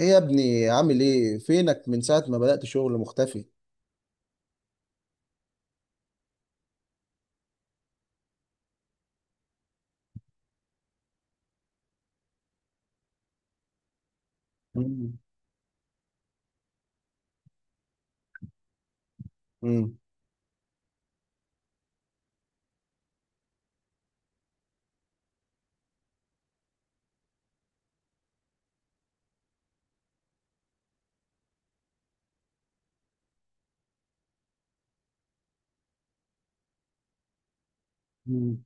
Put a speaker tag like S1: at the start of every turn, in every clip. S1: ايه يا ابني، عامل ايه؟ فينك من ساعة ما بدأت شغل؟ مختفي. مم. مم. مم.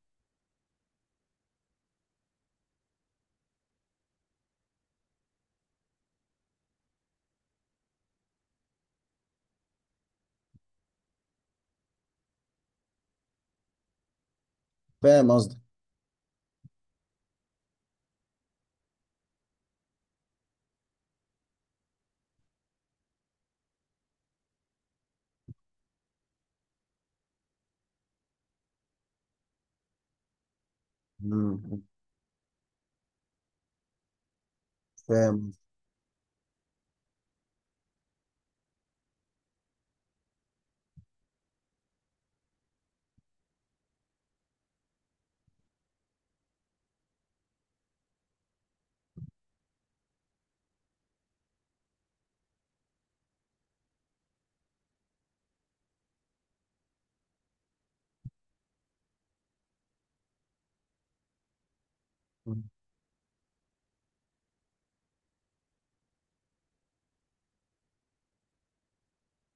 S1: فاهم قصدك. مم. فاهم. مم.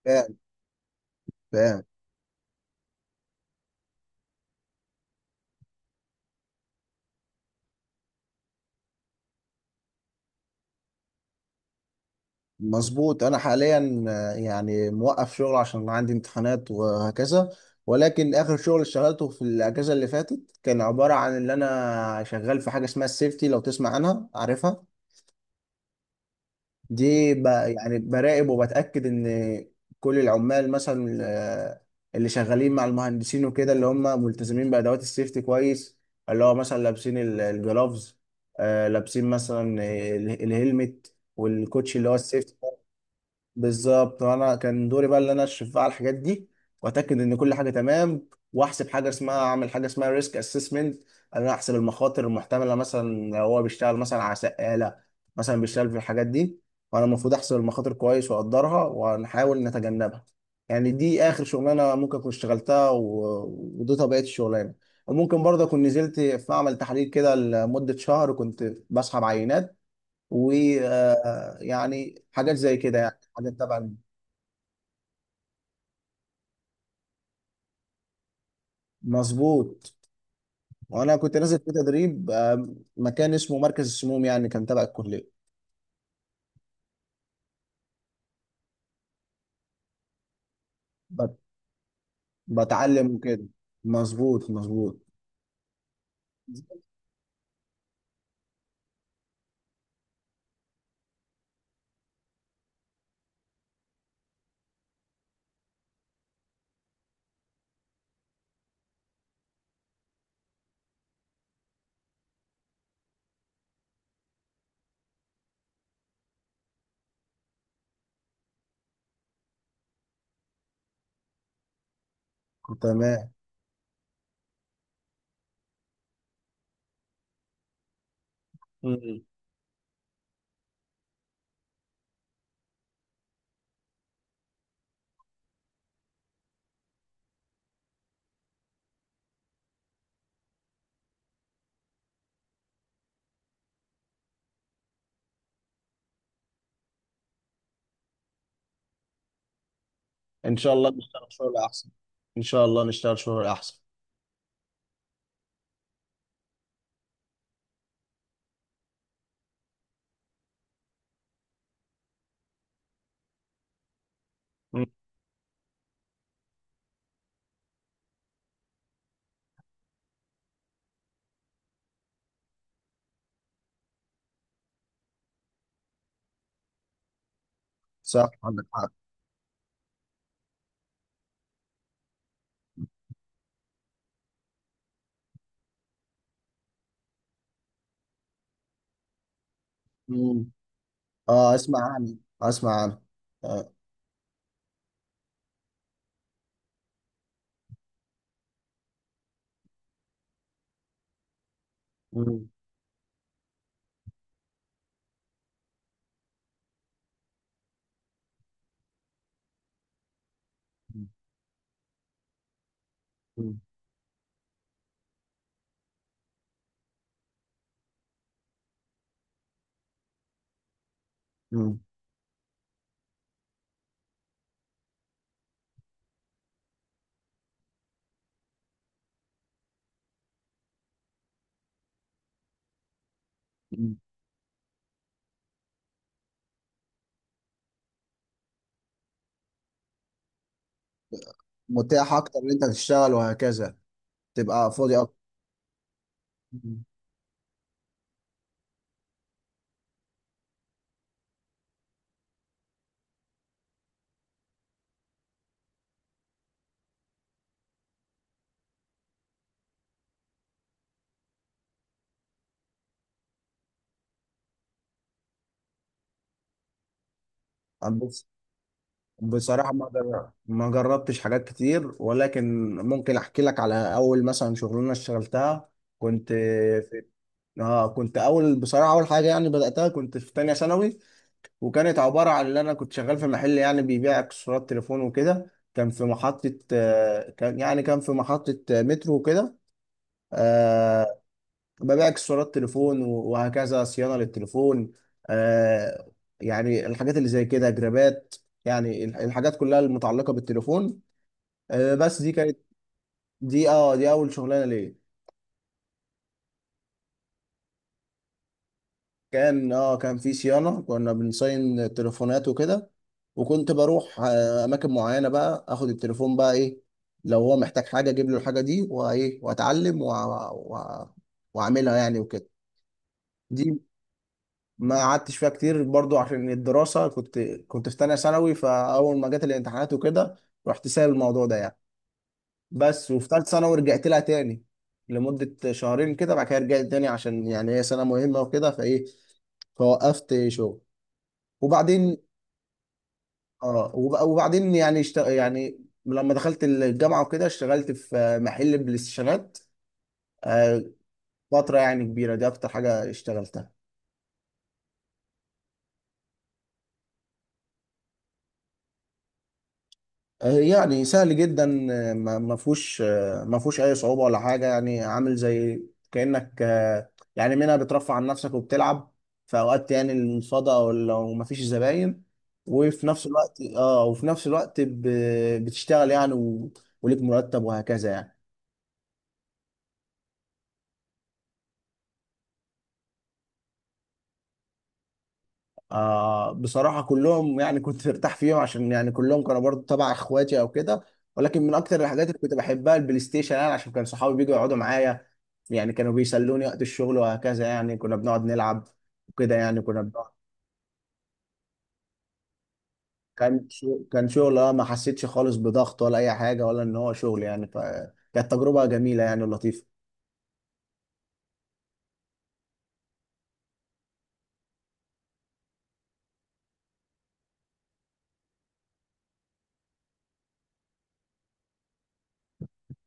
S1: فاهم. فاهم. مظبوط. انا حاليا يعني موقف شغل عشان عندي امتحانات وهكذا. ولكن اخر شغل اشتغلته في الاجازة اللي فاتت كان عبارة عن ان انا شغال في حاجة اسمها السيفتي، لو تسمع عنها عارفها. دي يعني براقب وبتأكد إن كل العمال مثلا اللي شغالين مع المهندسين وكده، اللي هم ملتزمين بأدوات السيفتي كويس. اللي هو مثلا لابسين الجلافز، لابسين مثلا الهلمت والكوتشي اللي هو السيفتي. بالظبط، وانا كان دوري بقى اللي انا اشرف بقى على الحاجات دي، واتاكد ان كل حاجه تمام، واحسب حاجه اسمها، اعمل حاجه اسمها ريسك اسسمنت. انا احسب المخاطر المحتمله، مثلا لو هو بيشتغل مثلا على سقاله، مثلا بيشتغل في الحاجات دي، فانا المفروض احسب المخاطر كويس واقدرها ونحاول نتجنبها. يعني دي اخر شغلانه ممكن اكون اشتغلتها ودي طبيعه الشغلانه. وممكن برضه اكون نزلت في معمل تحليل كده لمده شهر كنت بسحب عينات، ويعني حاجات زي كده، يعني حاجات تبع. مظبوط. وانا كنت نازل في تدريب مكان اسمه مركز السموم، يعني كان تبع الكليه. بت- بتعلم وكده. مظبوط مظبوط. تمام. مم. ان شاء الله نشتغل شغل احسن. ان شاء الله نشتغل شغل احسن. مم. صح، عندك حق. مم. اه، اسمع عنه اسمع عنه. آه. مم. مم. مم. متاح اكتر ان انت تشتغل وهكذا، تبقى فاضي اكتر. مم. بصراحة ما جربتش حاجات كتير، ولكن ممكن احكي لك على اول مثلا شغلانة اشتغلتها. كنت في اه كنت اول، بصراحة اول حاجة يعني بدأتها، كنت في تانية ثانوي. وكانت عبارة عن ان انا كنت شغال في محل يعني بيبيع اكسسوارات تليفون وكده. كان في محطة مترو وكده. آه، ببيع اكسسوارات تليفون وهكذا، صيانه للتليفون. آه يعني الحاجات اللي زي كده، جرابات، يعني الحاجات كلها المتعلقه بالتليفون. بس دي كانت. دي اول شغلانه ليه. كان في صيانه، كنا بنصين تليفونات وكده. وكنت بروح اماكن معينه، بقى اخد التليفون بقى ايه لو هو محتاج حاجه اجيب له الحاجه دي، وايه واتعلم وأ- واعملها يعني وكده. دي ما قعدتش فيها كتير برضو عشان الدراسة. كنت في تانية ثانوي، فأول ما جت الامتحانات وكده رحت سايب الموضوع ده يعني. بس وفي تالتة ثانوي رجعت لها تاني لمدة شهرين كده، بعد كده رجعت تاني عشان يعني هي سنة مهمة وكده، فإيه فوقفت شغل. وبعدين. وبعدين يعني لما دخلت الجامعة وكده، اشتغلت في محل بلاي ستيشنات آه، فترة يعني كبيرة، دي أكتر حاجة اشتغلتها. يعني سهل جدا، ما فيهوش اي صعوبه ولا حاجه. يعني عامل زي كانك يعني منها بترفع عن نفسك وبتلعب في اوقات، يعني الفضاء او لو ما فيش زباين. وفي نفس الوقت بتشتغل يعني وليك مرتب وهكذا يعني. بصراحة كلهم يعني كنت مرتاح فيهم عشان يعني كلهم كانوا برضو تبع اخواتي او كده. ولكن من اكتر الحاجات اللي كنت بحبها البلاي ستيشن، يعني عشان كان صحابي بيجوا يقعدوا معايا، يعني كانوا بيسلوني وقت الشغل وهكذا. يعني كنا بنقعد نلعب وكده، يعني كنا بنقعد. كان شغل، ما حسيتش خالص بضغط ولا اي حاجة ولا ان هو شغل يعني، فكانت تجربة جميلة يعني، ولطيفة.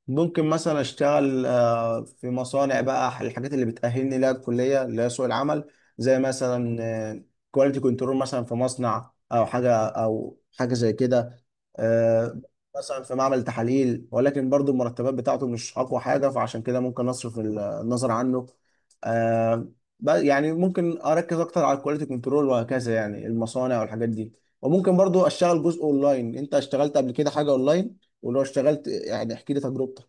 S1: ممكن مثلا اشتغل في مصانع بقى الحاجات اللي بتأهلني لها الكلية اللي هي سوق العمل، زي مثلا كواليتي كنترول، مثلا في مصنع او حاجة او حاجة زي كده. آه، مثلا في معمل تحاليل، ولكن برضو المرتبات بتاعته مش اقوى حاجة، فعشان كده ممكن اصرف النظر عنه. آه، يعني ممكن اركز اكتر على الكواليتي كنترول وهكذا، يعني المصانع والحاجات دي. وممكن برضو اشتغل جزء اونلاين. انت اشتغلت قبل كده حاجة اونلاين؟ ولو اشتغلت يعني احكي لي تجربتك.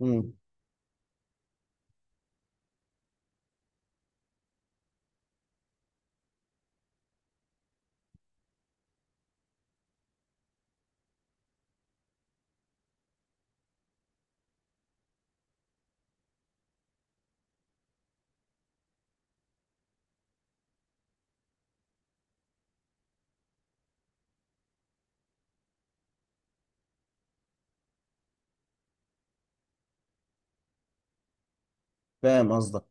S1: امم. فاهم قصدك.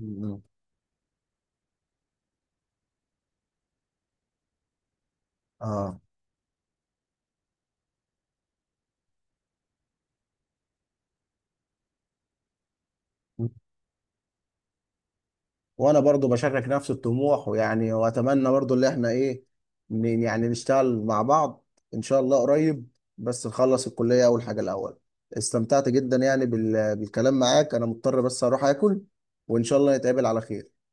S1: مم. اه. مم. وانا برضو بشارك نفس الطموح، ويعني واتمنى برضو اللي احنا ايه يعني نشتغل مع بعض ان شاء الله قريب. بس نخلص الكلية اول حاجة الاول. استمتعت جدا يعني بالكلام معاك. انا مضطر بس اروح اكل، وان شاء الله نتقابل على خير.